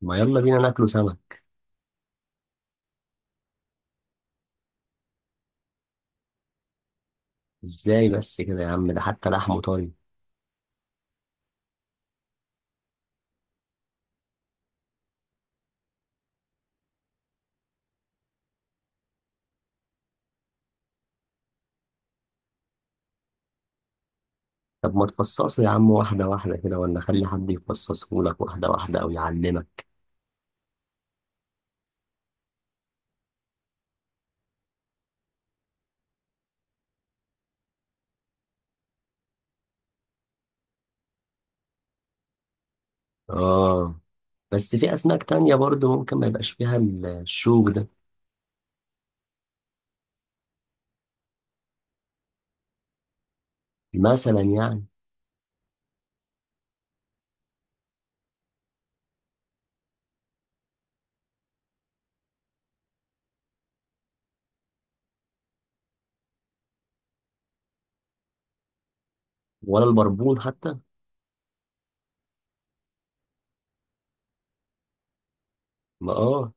ما يلا بينا ناكله سمك. ازاي بس كده يا عم، ده حتى لحمه طري. طب ما تفصصه يا عم واحدة واحدة كده، ولا خلي حد يفصصه لك واحدة واحدة أو يعلمك. آه، بس في أسماك تانية برضه ممكن ما يبقاش فيها الشوك ده. مثلا يعني؟ ولا البربون حتى. ما آه،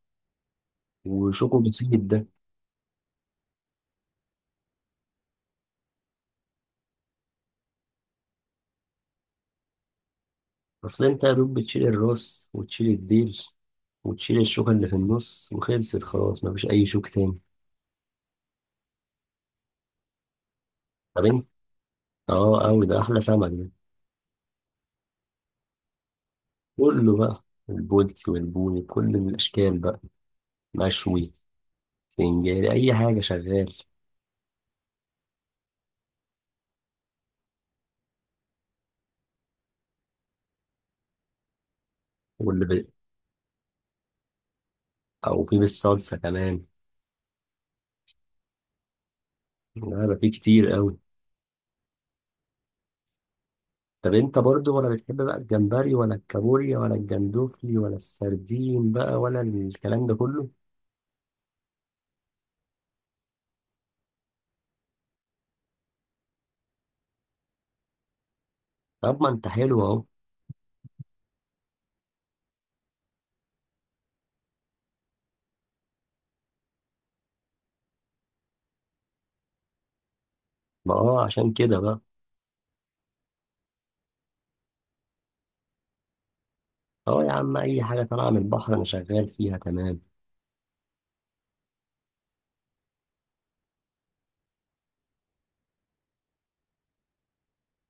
وشوكه بسيط ده. أصل أنت يا دوب بتشيل الراس وتشيل الديل وتشيل الشوكة اللي في النص وخلصت، خلاص مفيش أي شوك تاني. طب أنت؟ آه أوي، ده أحلى سمك ده. كله بقى، البولتي والبوني، كل الأشكال بقى، مشوي، سنجاري، أي حاجة شغال. واللي ب... أو في بالصلصة كمان. لا ده في كتير قوي. طب أنت برضو ولا، بتحب بقى الجمبري ولا الكابوريا ولا الجندوفلي ولا السردين بقى ولا الكلام ده كله؟ طب ما أنت حلو أهو. ما أه، عشان كده بقى. أه يا عم، أي حاجة طالعة من البحر أنا شغال فيها تمام.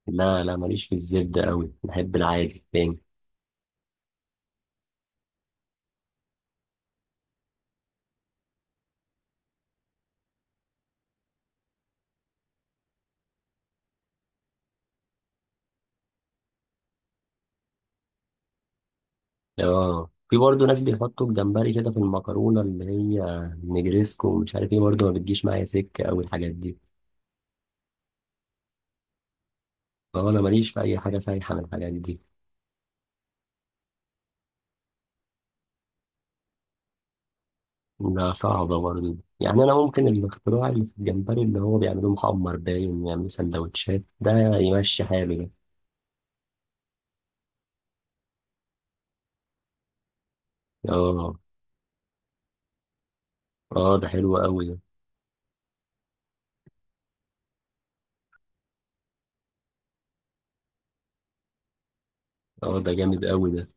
لا لا، ماليش في الزبدة قوي، بحب العادي تاني. اه، في برضه ناس بيحطوا الجمبري كده في المكرونة اللي هي نجريسكو ومش عارف ايه، برضه ما بتجيش معايا سكة أوي الحاجات دي. فهو أنا ماليش في أي حاجة سايحة من الحاجات دي. لا صعبة برضه يعني، أنا ممكن الاختراع اللي في الجمبري اللي هو بيعملوه محمر، باين يعملوا سندوتشات ده، يمشي حاله ده. اه. اه ده حلو أوي ده. اه ده جامد أوي ده.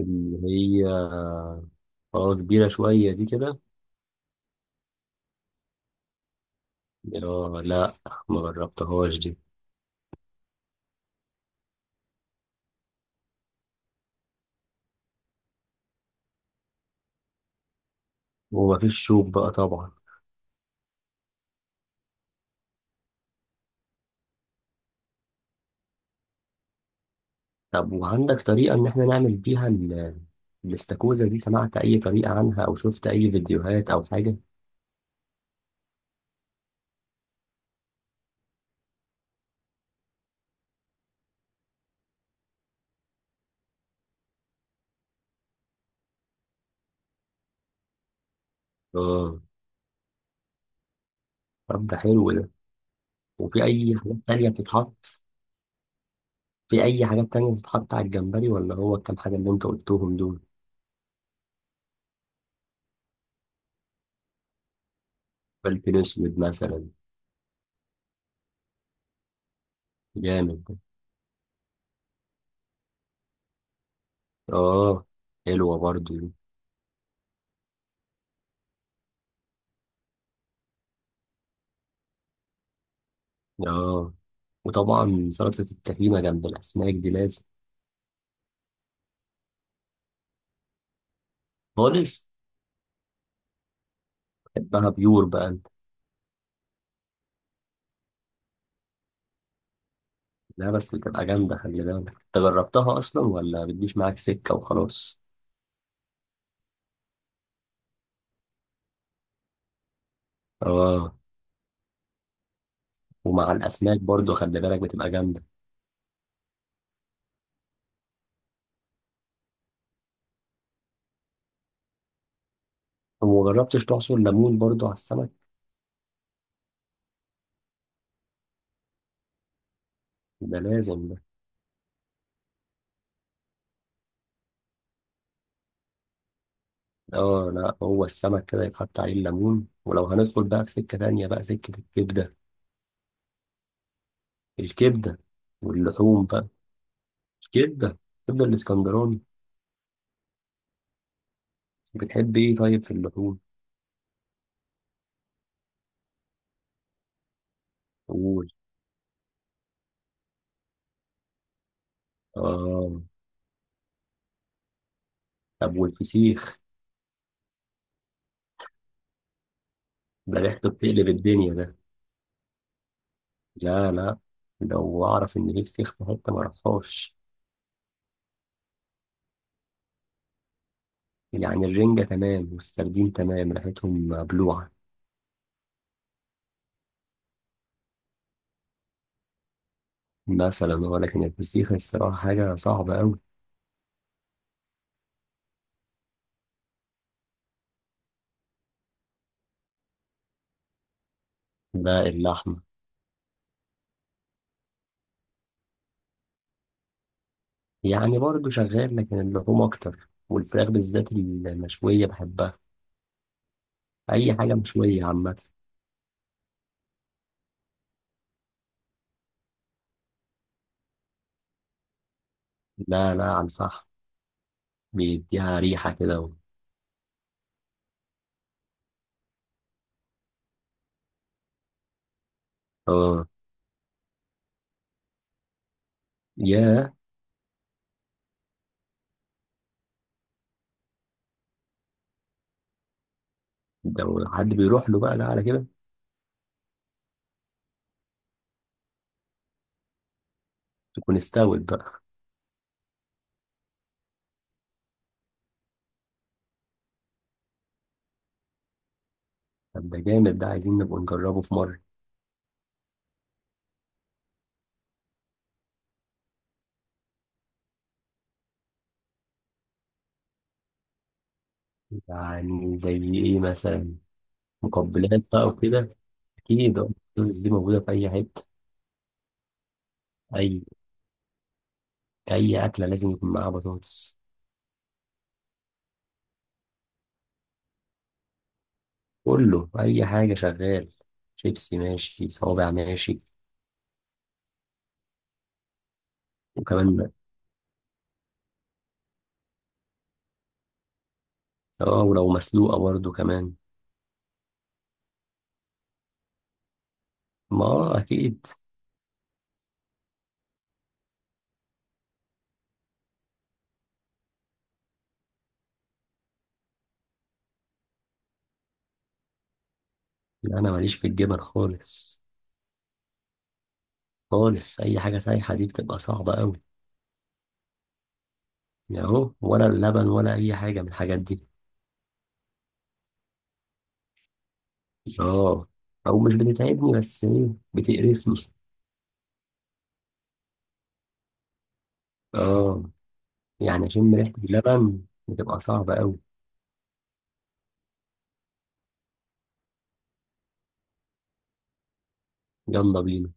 اللي هي؟ اه كبيرة شوية دي كده. اه لا، ما جربتهاش دي. ومفيش شوك بقى طبعا. طب وعندك طريقة إن إحنا نعمل بيها الاستاكوزا دي؟ سمعت أي طريقة عنها أو شفت أي فيديوهات أو حاجة؟ آه. طب ده حلو ده. وفي أي حاجات تانية بتتحط؟ في أي حاجات تانية بتتحط على الجمبري، ولا هو الكام حاجة اللي أنت قلتهم دول؟ فلفل أسود مثلا. جامد ده. آه، حلوة برضو دي. آه، وطبعا سلطة التخينة جنب الأسماك دي لازم. خالص. بحبها بيور بقى أنت؟ لا بس بتبقى جامدة، خلي بالك. أنت جربتها أصلا ولا بتجيش معاك سكة وخلاص؟ اه. ومع الاسماك برضو خلي بالك، بتبقى جامده. وما جربتش تعصر ليمون برضو على السمك؟ ده لازم ده. اه لا، هو السمك كده يتحط عليه الليمون. ولو هندخل بقى في سكه تانيه بقى، سكه الكبده. الكبده. واللحوم بقى. الكبده، الكبده الاسكندراني. بتحب ايه طيب في اللحوم؟ قول. اه. طب والفسيخ؟ ده ريحته بتقلب الدنيا ده. لا لا، لو اعرف ان في فسيخ في حته ما اروحهاش. يعني الرنجه تمام والسردين تمام، ريحتهم مبلوعه مثلا، هو لكن الفسيخ الصراحة حاجة صعبة أوي. ده اللحمة. يعني برضه شغال، لكن اللحوم أكتر، والفراخ بالذات المشوية بحبها. أي حاجة مشوية عامة. لا لا، على الفحم، بيديها ريحة كده و... آه. ياه. ده لو حد بيروح له بقى، لا على كده تكون استوت بقى. طب ده جامد ده، عايزين نبقى نجربه في مرة. يعني زي إيه مثلا؟ مقبلات بقى وكده. أكيد آه، البطاطس دي موجودة في أي حتة. أي أي أكلة لازم يكون معاها بطاطس. كله، اي حاجه شغال، شيبسي ماشي، صوابع ماشي. وكمان. اه ولو مسلوقه برضه كمان. ما آه، اكيد. لا انا ماليش في الجبن خالص. خالص، اي حاجه سايحه دي بتبقى صعبه قوي. يعني، اهو ولا اللبن ولا اي حاجه من الحاجات دي. اه. او مش بتتعبني، بس ايه، بتقرفني. اه، يعني اشم ريحه اللبن، بتبقى صعبه قوي. يلا بينا.